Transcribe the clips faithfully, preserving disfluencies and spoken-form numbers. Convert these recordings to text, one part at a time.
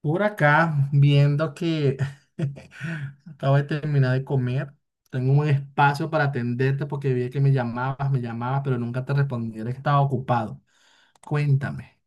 Por acá, viendo que acabo de terminar de comer, tengo un espacio para atenderte porque vi que me llamabas, me llamabas, pero nunca te respondí, eres que estaba ocupado. Cuéntame.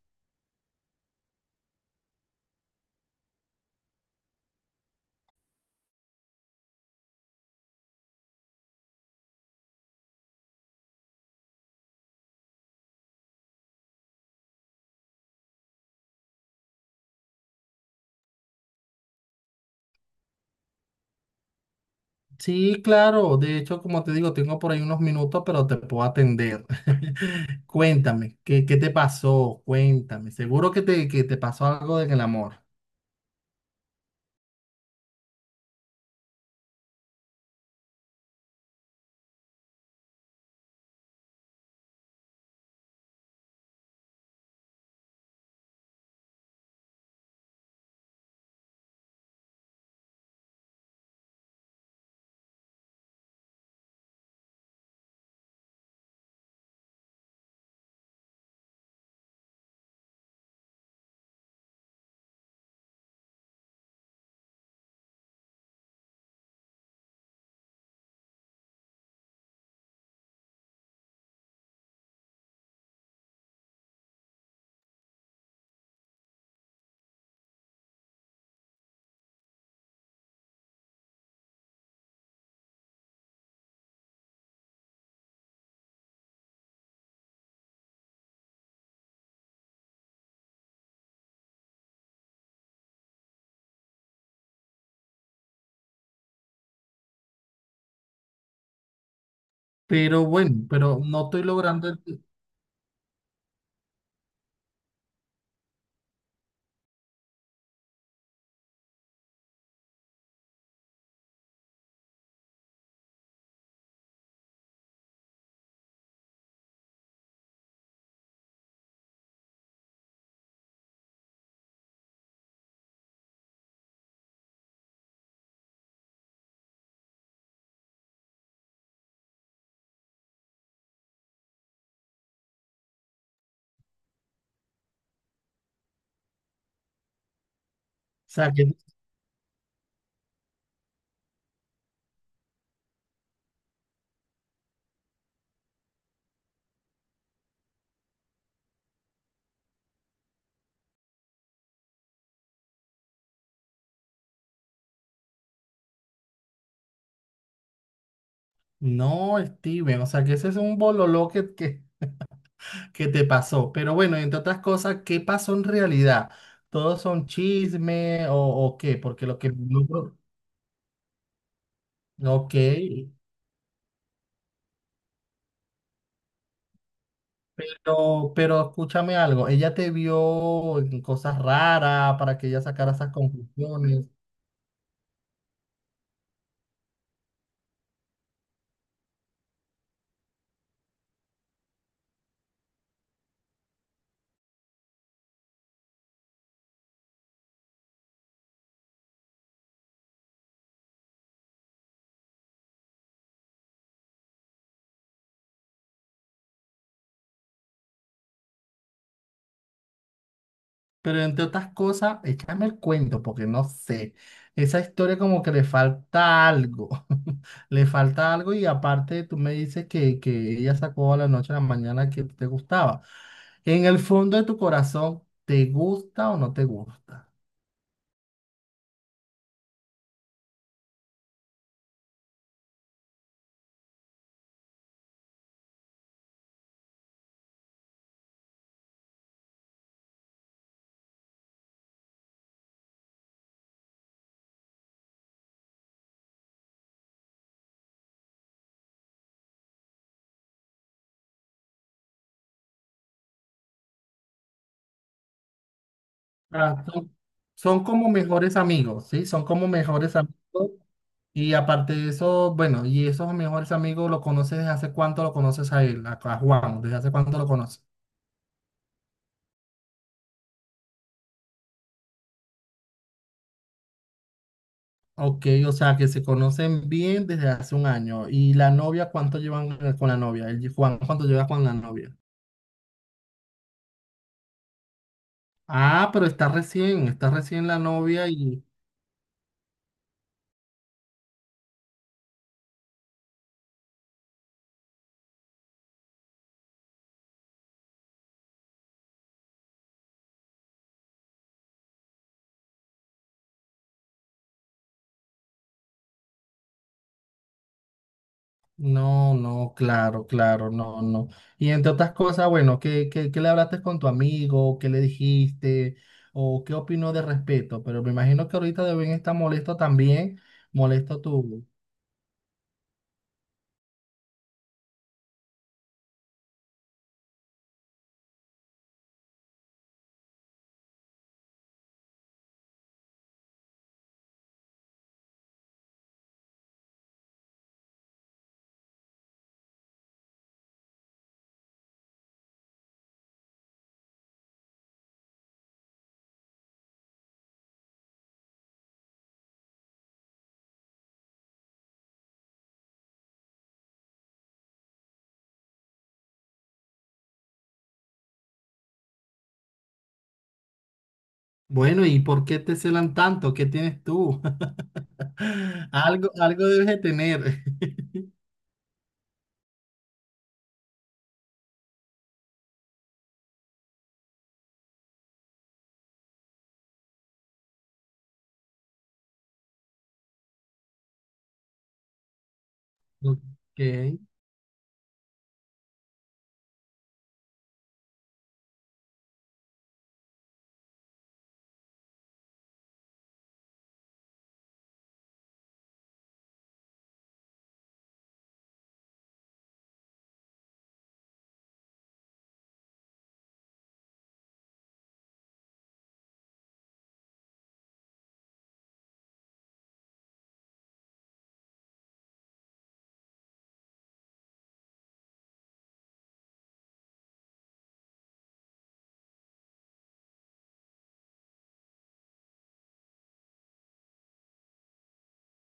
Sí, claro, de hecho, como te digo, tengo por ahí unos minutos, pero te puedo atender. Cuéntame, ¿qué, qué te pasó? Cuéntame, seguro que te, que te pasó algo en el amor. Pero bueno, pero no estoy logrando... el- O sea, que... No, Steven, o sea, que ese es un bololó que... que... ¿Qué te pasó? Pero bueno, entre otras cosas, ¿qué pasó en realidad? ¿Todos son chisme o, o qué? Porque lo que... no pro- Ok, pero, pero escúchame algo. ¿Ella te vio en cosas raras para que ella sacara esas conclusiones? Pero entre otras cosas, échame el cuento, porque no sé. Esa historia como que le falta algo. Le falta algo y aparte tú me dices que, que ella sacó a la noche a la mañana que te gustaba. En el fondo de tu corazón, ¿te gusta o no te gusta? Ah, son, Son como mejores amigos, ¿sí? Son como mejores amigos. Y aparte de eso, bueno, y esos mejores amigos, ¿lo conoces desde hace cuánto lo conoces a él, a a Juan? ¿Desde hace cuánto lo conoces? Ok, o sea que se conocen bien desde hace un año. ¿Y la novia cuánto llevan eh, con la novia? El Juan, ¿cuánto lleva con la novia? Ah, pero está recién, está recién la novia y no, no, claro, claro, no, no. Y entre otras cosas, bueno, ¿qué, qué, qué le hablaste con tu amigo? ¿Qué le dijiste? ¿O qué opinó de respeto? Pero me imagino que ahorita deben estar molesto también, molesto tú. Bueno, ¿y por qué te celan tanto? ¿Qué tienes tú? Algo, algo debes de tener. Ok.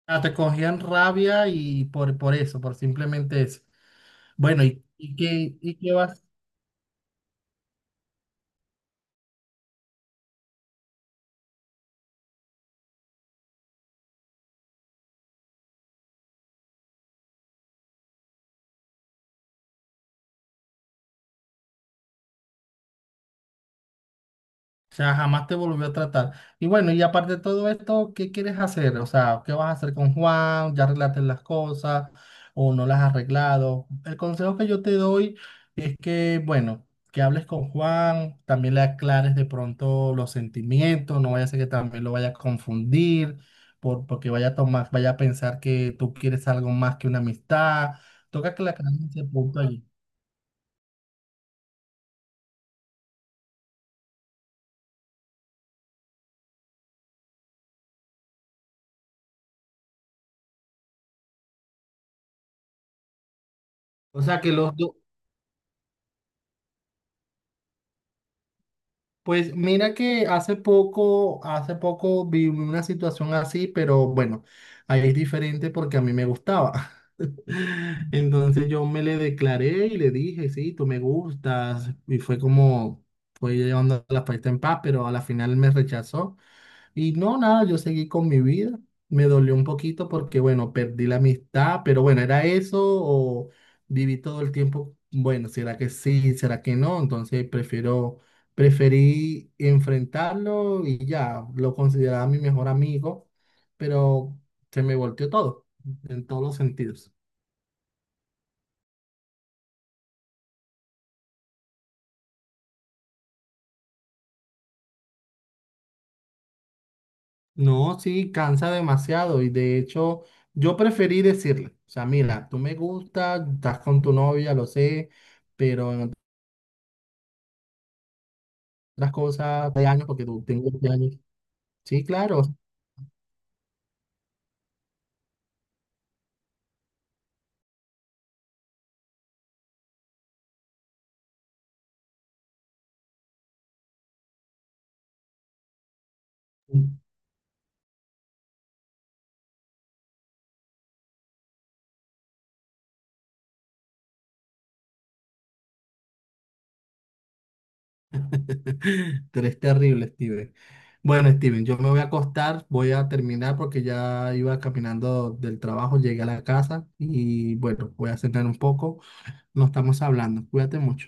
Ah, te cogían rabia y por, por eso, por simplemente eso. Bueno, ¿y, y qué, y qué vas... O sea, jamás te volvió a tratar. Y bueno, y aparte de todo esto, ¿qué quieres hacer? O sea, ¿qué vas a hacer con Juan? ¿Ya arreglaste las cosas o no las has arreglado? El consejo que yo te doy es que, bueno, que hables con Juan, también le aclares de pronto los sentimientos, no vaya a ser que también lo vaya a confundir, por, porque vaya a tomar, vaya a pensar que tú quieres algo más que una amistad. Toca que le aclares ese punto allí. O sea, que los dos... Pues mira que hace poco, hace poco vi una situación así, pero bueno, ahí es diferente porque a mí me gustaba. Entonces yo me le declaré y le dije, sí, tú me gustas. Y fue como, fue llevando la fiesta en paz, pero a la final me rechazó. Y no, nada, yo seguí con mi vida. Me dolió un poquito porque, bueno, perdí la amistad, pero bueno, ¿era eso o viví todo el tiempo? Bueno, ¿será que sí? ¿Será que no? Entonces prefiero, preferí enfrentarlo y ya, lo consideraba mi mejor amigo, pero se me volteó todo, en todos los sentidos. No, sí, cansa demasiado y de hecho yo preferí decirle, o sea, mira, tú me gustas, estás con tu novia, lo sé, pero en las cosas de años porque tú tengo veinte años. Sí, claro. Tú eres terrible, Steven. Bueno, Steven, yo me voy a acostar, voy a terminar porque ya iba caminando del trabajo, llegué a la casa y bueno, voy a cenar un poco. Nos estamos hablando. Cuídate mucho.